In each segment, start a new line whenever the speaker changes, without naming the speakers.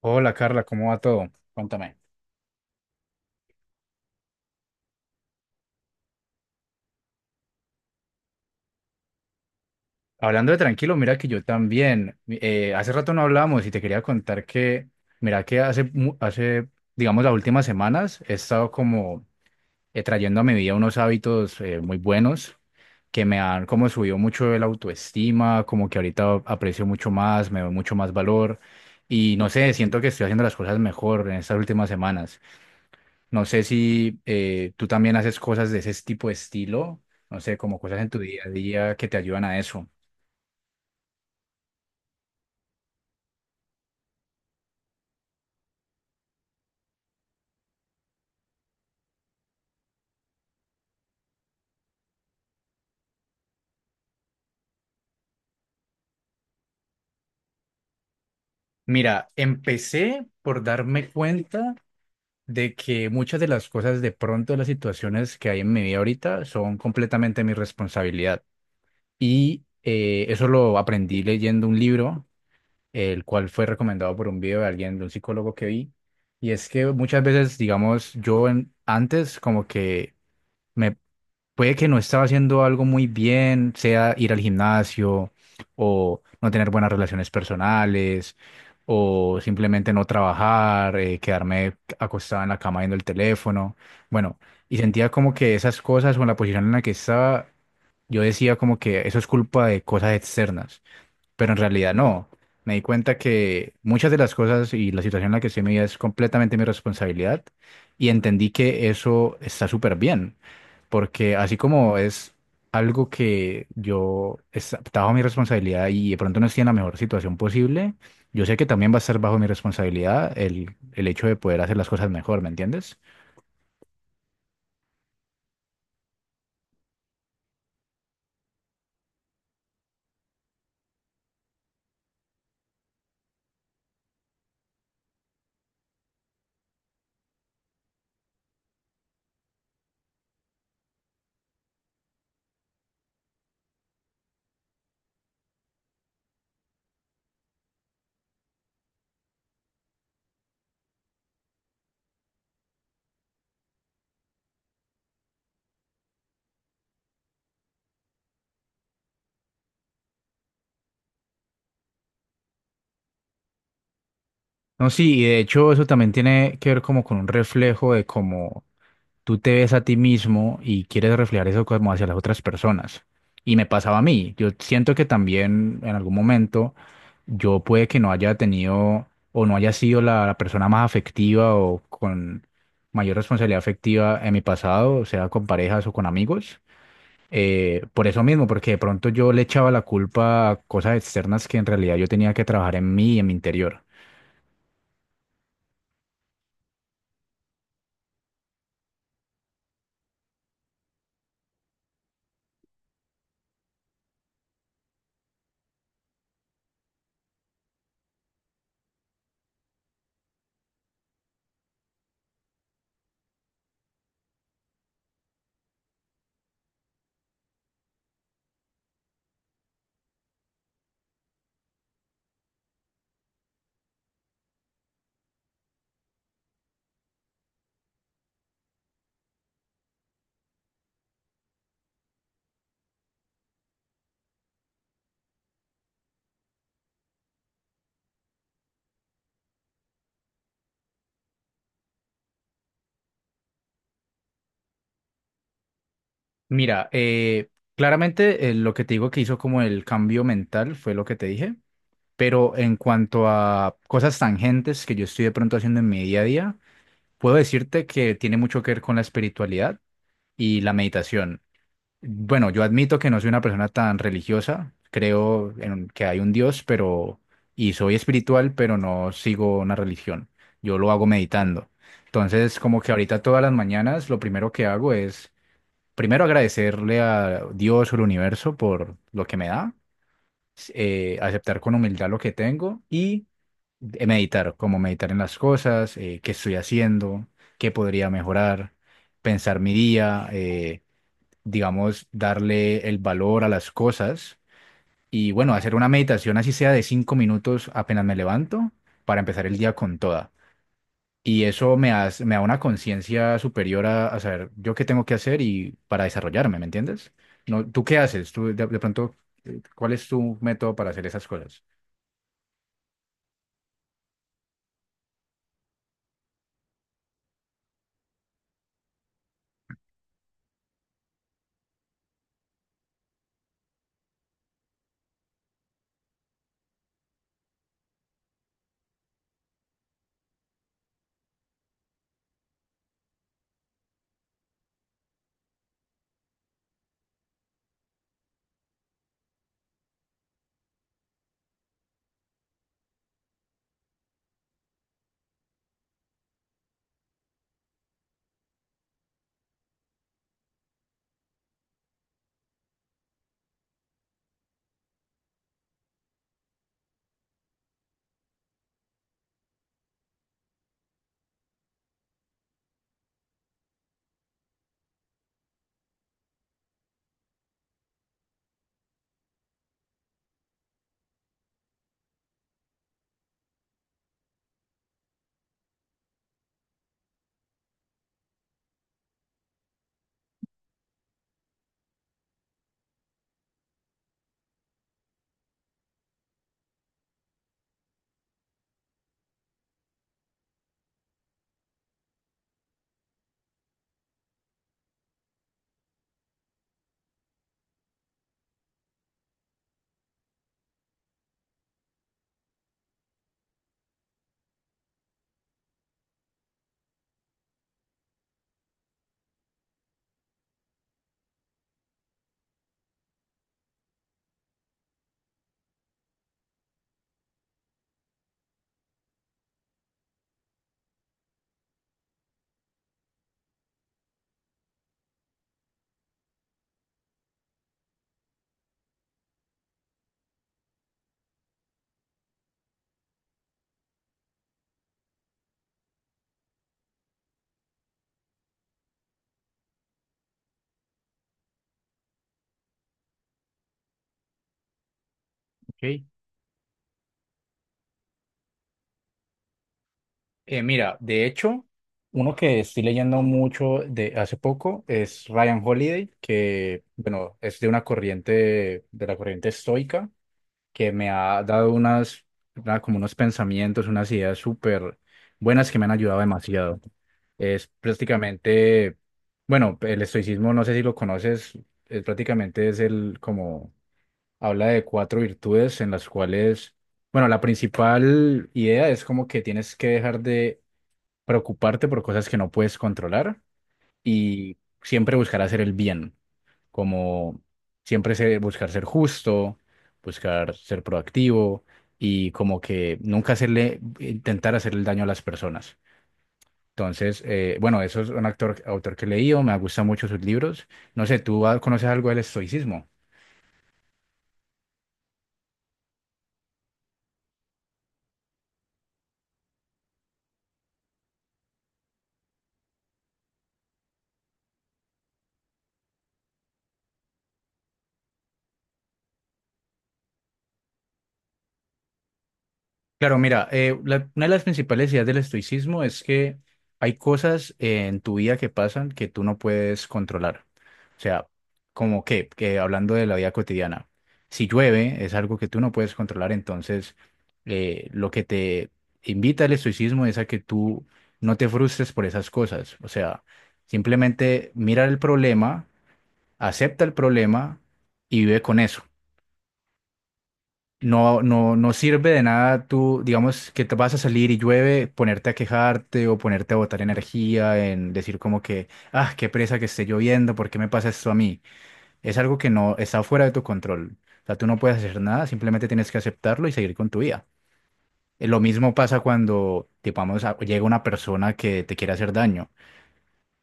Hola Carla, ¿cómo va todo? Cuéntame. Hablando de tranquilo, mira que yo también, hace rato no hablamos y te quería contar que, mira que hace, digamos, las últimas semanas he estado como trayendo a mi vida unos hábitos muy buenos que me han como subido mucho el autoestima, como que ahorita aprecio mucho más, me doy mucho más valor y no sé, siento que estoy haciendo las cosas mejor en estas últimas semanas. No sé si tú también haces cosas de ese tipo de estilo, no sé, como cosas en tu día a día que te ayudan a eso. Mira, empecé por darme cuenta de que muchas de las cosas, de pronto, las situaciones que hay en mi vida ahorita son completamente mi responsabilidad. Y eso lo aprendí leyendo un libro, el cual fue recomendado por un video de alguien, de un psicólogo que vi. Y es que muchas veces, digamos, antes como que... Me, puede que no estaba haciendo algo muy bien, sea ir al gimnasio o no tener buenas relaciones personales o simplemente no trabajar, quedarme acostado en la cama viendo el teléfono. Bueno, y sentía como que esas cosas o en la posición en la que estaba, yo decía como que eso es culpa de cosas externas, pero en realidad no. Me di cuenta que muchas de las cosas y la situación en la que estoy en mi vida es completamente mi responsabilidad y entendí que eso está súper bien porque así como es algo que yo está bajo mi responsabilidad y de pronto no estoy en la mejor situación posible, yo sé que también va a estar bajo mi responsabilidad el hecho de poder hacer las cosas mejor, ¿me entiendes? No, sí, y de hecho eso también tiene que ver como con un reflejo de cómo tú te ves a ti mismo y quieres reflejar eso como hacia las otras personas. Y me pasaba a mí. Yo siento que también en algún momento yo puede que no haya tenido o no haya sido la persona más afectiva o con mayor responsabilidad afectiva en mi pasado, o sea con parejas o con amigos. Por eso mismo, porque de pronto yo le echaba la culpa a cosas externas que en realidad yo tenía que trabajar en mí y en mi interior. Mira, claramente lo que te digo que hizo como el cambio mental fue lo que te dije. Pero en cuanto a cosas tangentes que yo estoy de pronto haciendo en mi día a día, puedo decirte que tiene mucho que ver con la espiritualidad y la meditación. Bueno, yo admito que no soy una persona tan religiosa, creo en que hay un Dios, pero y soy espiritual, pero no sigo una religión. Yo lo hago meditando. Entonces, como que ahorita todas las mañanas lo primero que hago es primero agradecerle a Dios o al universo por lo que me da, aceptar con humildad lo que tengo y de meditar, como meditar en las cosas, qué estoy haciendo, qué podría mejorar, pensar mi día, digamos, darle el valor a las cosas y bueno, hacer una meditación así sea de cinco minutos apenas me levanto para empezar el día con toda. Y eso me da una conciencia superior a saber yo qué tengo que hacer y para desarrollarme, ¿me entiendes? No, ¿tú qué haces? Tú, de pronto, ¿cuál es tu método para hacer esas cosas? Ok. Mira, de hecho, uno que estoy leyendo mucho de hace poco es Ryan Holiday, que, bueno, es de una corriente, de la corriente estoica, que me ha dado como unos pensamientos, unas ideas súper buenas que me han ayudado demasiado. Es prácticamente, bueno, el estoicismo, no sé si lo conoces, es prácticamente es el, como, habla de cuatro virtudes en las cuales... Bueno, la principal idea es como que tienes que dejar de preocuparte por cosas que no puedes controlar y siempre buscar hacer el bien, como buscar ser justo, buscar ser proactivo y como que nunca hacerle, intentar hacerle el daño a las personas. Entonces, bueno, eso es autor que he leído, me gustan mucho sus libros. No sé, ¿tú conoces algo del estoicismo? Claro, mira, una de las principales ideas del estoicismo es que hay cosas en tu vida que pasan que tú no puedes controlar. O sea, como que hablando de la vida cotidiana, si llueve es algo que tú no puedes controlar, entonces lo que te invita el estoicismo es a que tú no te frustres por esas cosas. O sea, simplemente mira el problema, acepta el problema y vive con eso. No sirve de nada tú, digamos, que te vas a salir y llueve, ponerte a quejarte o ponerte a botar energía en decir como que, ah, qué presa que esté lloviendo, ¿por qué me pasa esto a mí? Es algo que no está fuera de tu control. O sea, tú no puedes hacer nada, simplemente tienes que aceptarlo y seguir con tu vida. Lo mismo pasa cuando, digamos, llega una persona que te quiere hacer daño.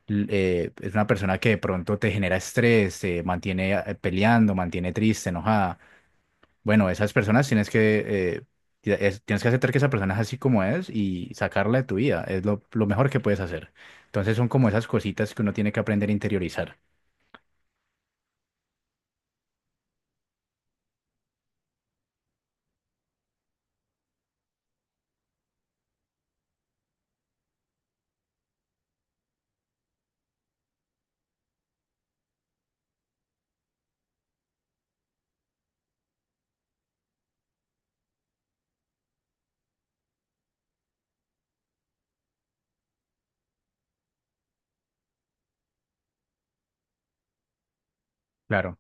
Es una persona que de pronto te genera estrés, te mantiene peleando, mantiene triste, enojada. Bueno, esas personas tienes que aceptar que esa persona es así como es y sacarla de tu vida. Es lo mejor que puedes hacer. Entonces son como esas cositas que uno tiene que aprender a interiorizar. Claro.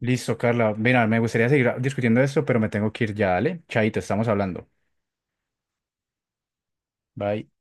Listo, Carla. Mira, me gustaría seguir discutiendo esto, pero me tengo que ir ya, ¿vale? Chaito, estamos hablando. Bye.